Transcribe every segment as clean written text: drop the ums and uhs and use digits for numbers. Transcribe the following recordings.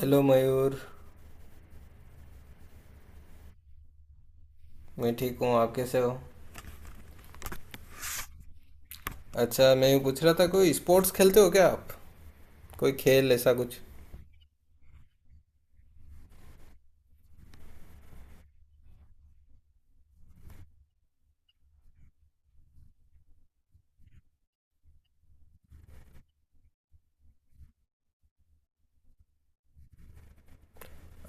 Hello Mayur. मैं ठीक हूँ, आप कैसे हो? अच्छा, मैं यूँ पूछ रहा था, कोई स्पोर्ट्स खेलते हो क्या आप? कोई खेल ऐसा कुछ?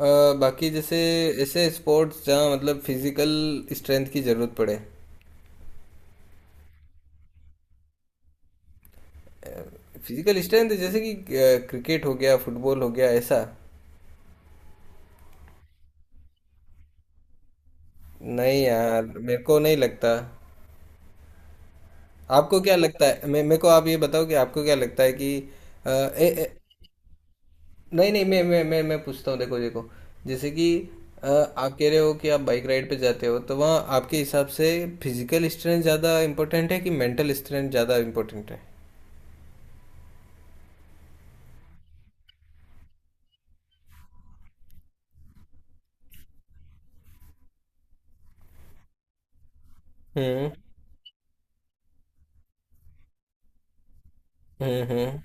अ, बाकी जैसे ऐसे स्पोर्ट्स जहाँ मतलब फिजिकल स्ट्रेंथ की ज़रूरत पड़े। फिजिकल स्ट्रेंथ, जैसे कि क्रिकेट हो गया, फुटबॉल हो गया, ऐसा। नहीं यार, मेरे को नहीं लगता। आपको क्या लगता है? मे मेरे को आप ये बताओ कि आपको क्या लगता है कि। नहीं नहीं, मैं पूछता हूँ, देखो देखो। जैसे कि अ, आप कह रहे हो कि आप बाइक राइड पे जाते हो, तो वहाँ आपके हिसाब से फिजिकल स्ट्रेंथ ज़्यादा इम्पोर्टेंट है कि मेंटल स्ट्रेंथ ज़्यादा इम्पोर्टेंट है? हम्म। हम्म। हम्म।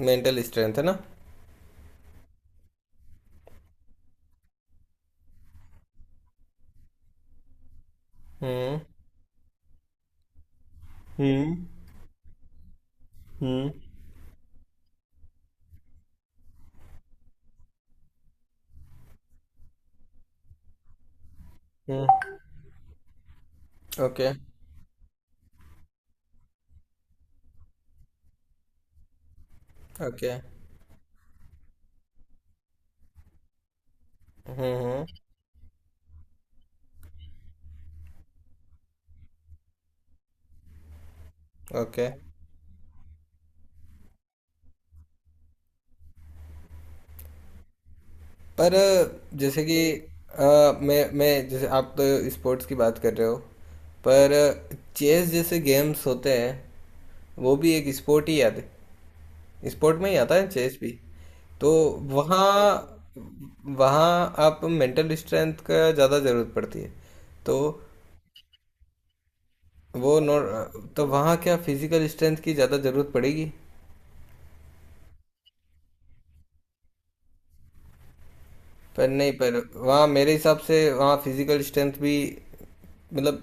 मेंटल स्ट्रेंथ है ना। हम्म। हम्म। हम्म। हम्म। ओके। ओके। हम्म। हम्म। ओके। पर जैसे कि अ, मैं जैसे, आप तो स्पोर्ट्स की बात कर रहे हो, पर चेस जैसे गेम्स होते हैं, वो भी एक स्पोर्ट ही आते, स्पोर्ट में ही आता है चेस भी, तो वहाँ वहाँ आप मेंटल स्ट्रेंथ का ज़्यादा ज़रूरत पड़ती है। तो वो नो। तो वहाँ क्या फिजिकल स्ट्रेंथ की ज़्यादा ज़रूरत पड़ेगी? पर नहीं, पर वहाँ मेरे हिसाब से वहाँ फिजिकल स्ट्रेंथ भी, मतलब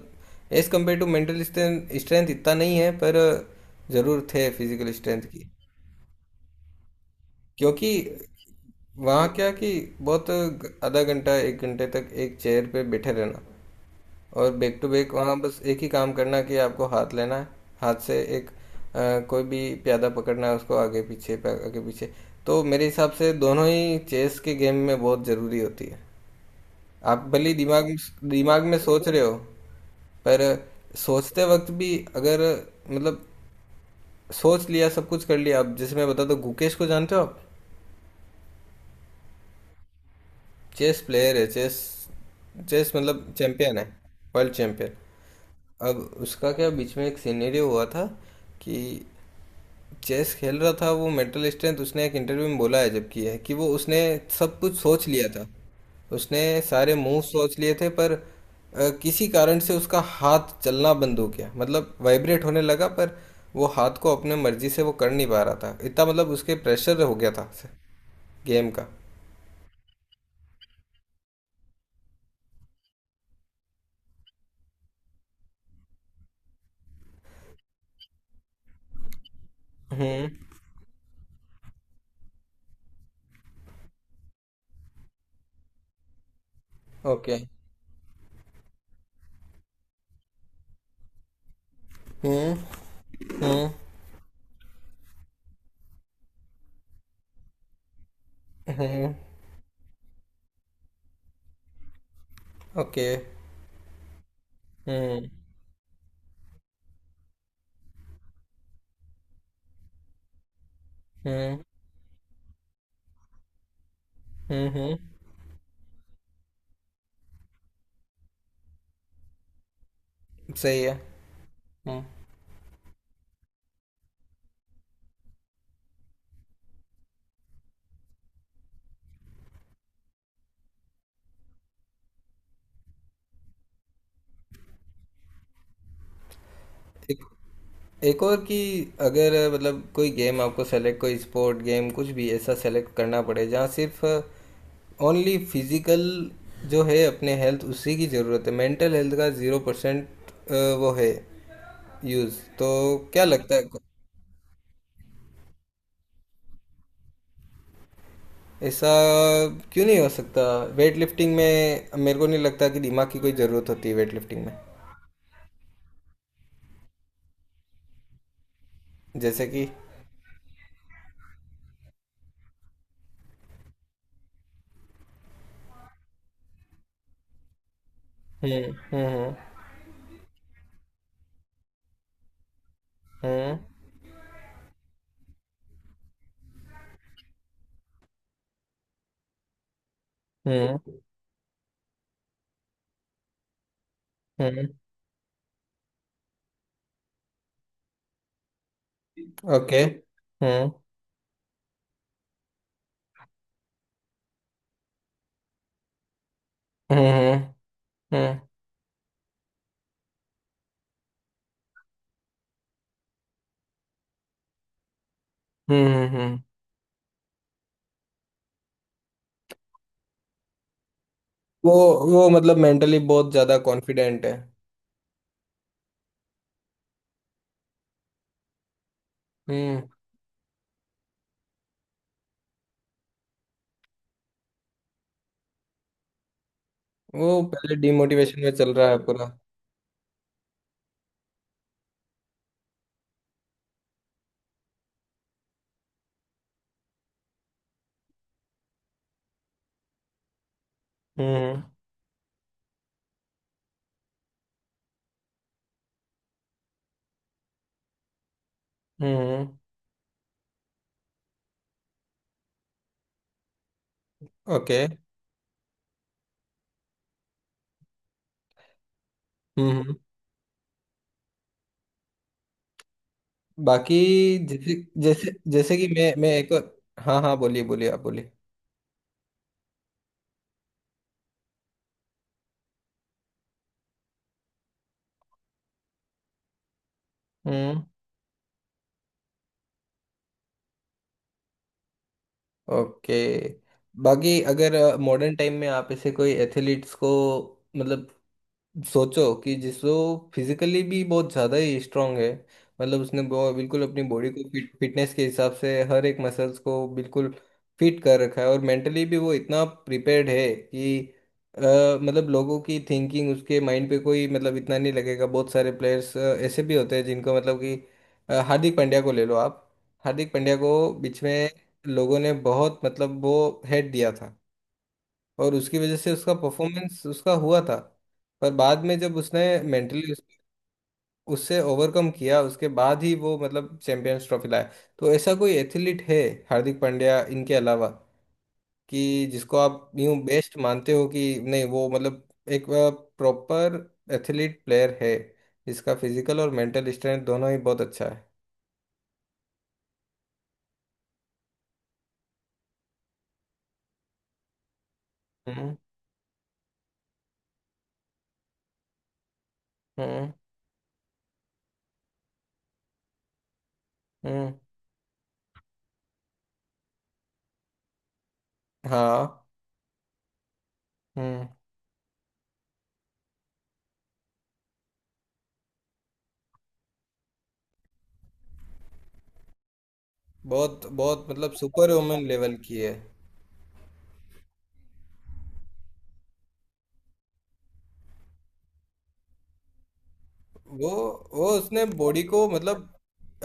as compare to mental strength strength इतना नहीं है, पर ज़रूर थे फिजिकल स्ट्रेंथ की। क्योंकि वहाँ क्या कि, बहुत, आधा घंटा एक घंटे तक एक चेयर पे बैठे रहना, और बैक टू बैक वहाँ बस एक ही काम करना कि आपको हाथ लेना है, हाथ से एक कोई भी प्यादा पकड़ना है उसको, आगे पीछे, आगे पीछे। तो मेरे हिसाब से दोनों ही चेस के गेम में बहुत ज़रूरी होती है। आप भले ही दिमाग दिमाग में सोच रहे हो, पर सोचते वक्त भी, अगर मतलब सोच लिया सब कुछ, कर लिया अब। जैसे मैं बताता हूँ, गुकेश को जानते हो आप? चेस प्लेयर है। चेस चेस मतलब चैंपियन है, वर्ल्ड चैंपियन। अब उसका क्या बीच में एक सिनेरियो हुआ था कि चेस खेल रहा था वो, मेंटल स्ट्रेंथ उसने एक इंटरव्यू में बोला है, जबकि है कि वो उसने सब कुछ सोच लिया था। उसने सारे मूव सोच लिए थे, पर किसी कारण से उसका हाथ चलना बंद हो गया, मतलब वाइब्रेट होने लगा, पर वो हाथ को अपने मर्जी से वो कर नहीं पा रहा था, इतना मतलब उसके प्रेशर हो गया था गेम का। हम्म। ओके। हम्म। हम्म। हम्म। ओके। हम्म। हम्म। हम्म। हम्म। सही है। हम्म। एक और कि, अगर मतलब कोई गेम, आपको सेलेक्ट, कोई स्पोर्ट गेम कुछ भी ऐसा सेलेक्ट करना पड़े जहाँ सिर्फ ओनली फिजिकल जो है अपने हेल्थ उसी की ज़रूरत है, मेंटल हेल्थ का 0% वो है यूज़, तो क्या लगता है? ऐसा क्यों नहीं हो सकता? वेट लिफ्टिंग में मेरे को नहीं लगता कि दिमाग की कोई ज़रूरत होती है, वेट लिफ्टिंग में। जैसे कि। हम्म। हम्म। हम्म। हम्म। हम्म। ओके। हम्म। okay। हम्म। हम्म। हम्म। हम्म। हम्म। हम्म। वो वो मतलब मेंटली बहुत ज्यादा कॉन्फिडेंट है। हम्म। वो पहले डिमोटिवेशन में चल रहा है पूरा। हम्म। हम्म। ओके। हम्म। बाकी जैसे जैसे जैसे कि मैं एक और, हाँ हाँ, बोलिए बोलिए, आप बोलिए। हम्म। ओके। बाकी अगर मॉडर्न टाइम में आप ऐसे कोई एथलीट्स को, मतलब सोचो कि, जिसको फिजिकली भी बहुत ज़्यादा ही स्ट्रांग है, मतलब उसने बिल्कुल अपनी बॉडी को फिटनेस के हिसाब से हर एक मसल्स को बिल्कुल फिट कर रखा है, और मेंटली भी वो इतना प्रिपेयर्ड है कि अ, मतलब लोगों की थिंकिंग उसके माइंड पे कोई मतलब इतना नहीं लगेगा। बहुत सारे प्लेयर्स ऐसे भी होते हैं जिनको मतलब कि हार्दिक पांड्या को ले लो आप। हार्दिक पांड्या को बीच में लोगों ने बहुत मतलब वो हेट दिया था, और उसकी वजह से उसका परफॉर्मेंस उसका हुआ था। पर बाद में जब उसने मेंटली उससे ओवरकम किया, उसके बाद ही वो मतलब चैंपियंस ट्रॉफी लाया। तो ऐसा कोई एथलीट है हार्दिक पांड्या इनके अलावा, कि जिसको आप यूं बेस्ट मानते हो कि नहीं वो मतलब एक प्रॉपर एथलीट प्लेयर है, जिसका फिजिकल और मेंटल स्ट्रेंथ दोनों ही बहुत अच्छा है। हम्म। हम्म। हम्म। हाँ। हम्म। बहुत बहुत मतलब सुपर वुमेन लेवल की है। वो वो उसने बॉडी को, मतलब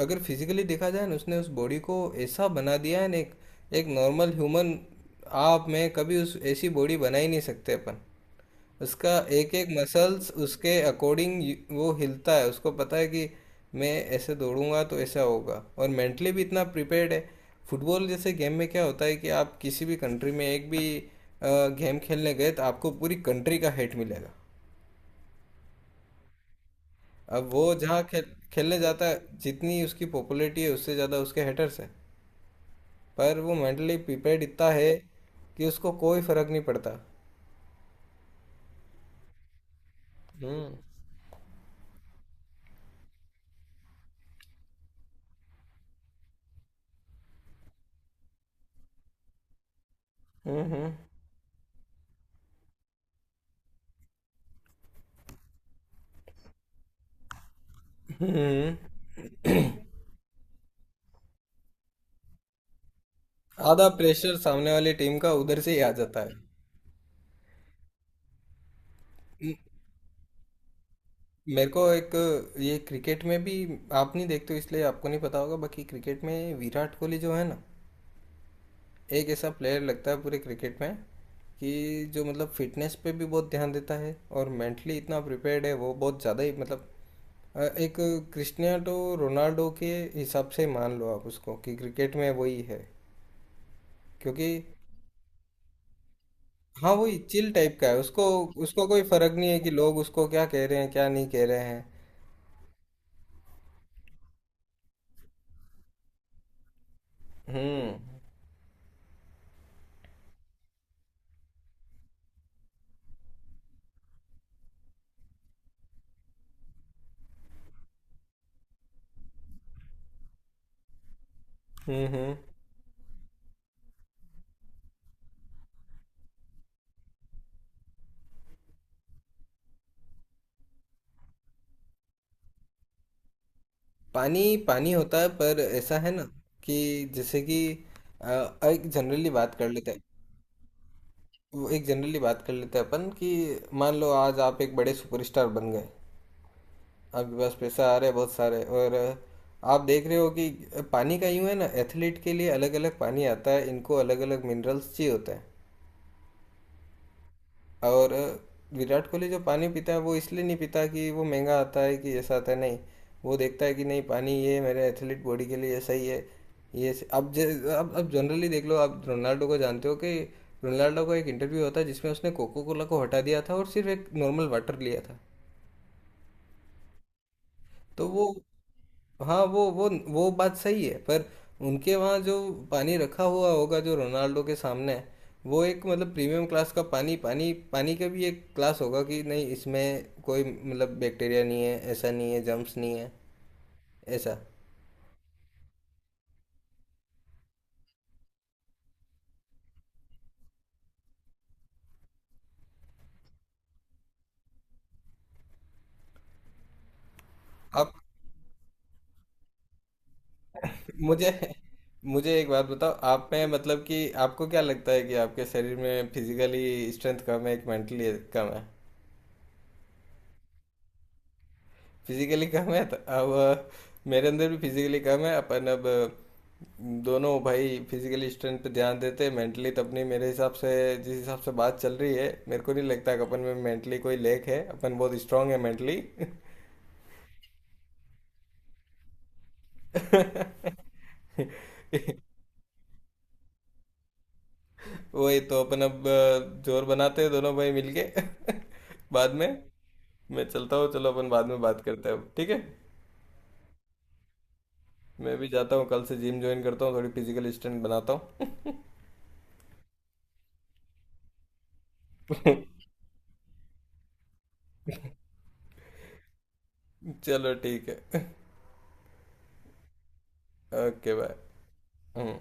अगर फिजिकली देखा जाए ना, उसने उस बॉडी को ऐसा बना दिया है ना। एक एक नॉर्मल ह्यूमन आप में कभी उस ऐसी बॉडी बना ही नहीं सकते अपन। उसका एक एक मसल्स उसके अकॉर्डिंग वो हिलता है, उसको पता है कि मैं ऐसे दौड़ूंगा तो ऐसा होगा, और मेंटली भी इतना प्रिपेयर्ड है। फुटबॉल जैसे गेम में क्या होता है कि आप किसी भी कंट्री में एक भी गेम खेलने गए, तो आपको पूरी कंट्री का हेट मिलेगा। अब वो जहाँ खेलने जाता है, जितनी उसकी पॉपुलैरिटी है उससे ज़्यादा उसके हेटर्स हैं, पर वो मेंटली प्रिपेयर्ड इतना है कि उसको कोई फर्क नहीं पड़ता। हम्म। हम्म। आधा प्रेशर सामने वाली टीम का उधर से ही आ जाता है। मेरे को एक, ये क्रिकेट में भी आप नहीं देखते हो इसलिए आपको नहीं पता होगा, बाकी क्रिकेट में विराट कोहली जो है ना, एक ऐसा प्लेयर लगता है पूरे क्रिकेट में, कि जो मतलब फिटनेस पे भी बहुत ध्यान देता है और मेंटली इतना प्रिपेयर्ड है, वो बहुत ज़्यादा ही मतलब एक क्रिस्टियानो रोनाल्डो के हिसाब से मान लो आप उसको, कि क्रिकेट में वही है। क्योंकि हाँ, वही चिल टाइप का है। उसको उसको कोई फर्क नहीं है कि लोग उसको क्या कह रहे हैं, क्या नहीं कह रहे हैं। हम्म। हम्म। हम्म। पानी पानी होता है, पर ऐसा है ना कि जैसे कि अ, एक जनरली बात कर लेते हैं एक जनरली बात कर लेते हैं अपन, कि मान लो आज आप एक बड़े सुपरस्टार बन गए, आपके पास पैसा आ रहा है बहुत सारे, और आप देख रहे हो कि पानी का यूं है ना, एथलीट के लिए अलग अलग पानी आता है, इनको अलग अलग मिनरल्स चाहिए होता है। और विराट कोहली जो पानी पीता है वो इसलिए नहीं पीता कि वो महंगा आता है, कि ऐसा आता है, नहीं। वो देखता है कि नहीं, पानी ये मेरे एथलीट बॉडी के लिए सही है। ये स- अब जे अब जनरली देख लो, आप रोनाल्डो को जानते हो कि रोनाल्डो का एक इंटरव्यू होता है जिसमें उसने कोको कोला को हटा दिया था और सिर्फ एक नॉर्मल वाटर लिया था। तो वो, हाँ, वो बात सही है, पर उनके वहाँ जो पानी रखा हुआ होगा जो रोनाल्डो के सामने है, वो एक मतलब प्रीमियम क्लास का पानी। पानी का भी एक क्लास होगा कि नहीं, इसमें कोई मतलब बैक्टीरिया नहीं है, ऐसा नहीं है जर्म्स नहीं है, ऐसा। आप मुझे मुझे एक बात बताओ, आप में मतलब कि आपको क्या लगता है कि आपके शरीर में फिजिकली स्ट्रेंथ कम है कि मेंटली कम है? फिजिकली कम है तो अब, मेरे अंदर भी फिजिकली कम है अपन। अब दोनों भाई फिजिकली स्ट्रेंथ पे ध्यान देते हैं, मेंटली तो अपनी मेरे हिसाब से जिस हिसाब से बात चल रही है, मेरे को नहीं लगता कि अपन में मेंटली कोई लेक है, अपन बहुत स्ट्रांग है मेंटली। वही तो अपन अब, जोर बनाते हैं दोनों भाई मिलके। बाद में, मैं चलता हूँ, चलो अपन बाद में बात करते हैं अब, ठीक है? मैं भी जाता हूँ, कल से जिम ज्वाइन करता हूँ, थोड़ी फिजिकल स्ट्रेंथ बनाता हूँ। चलो ठीक है। Okay bye. うん।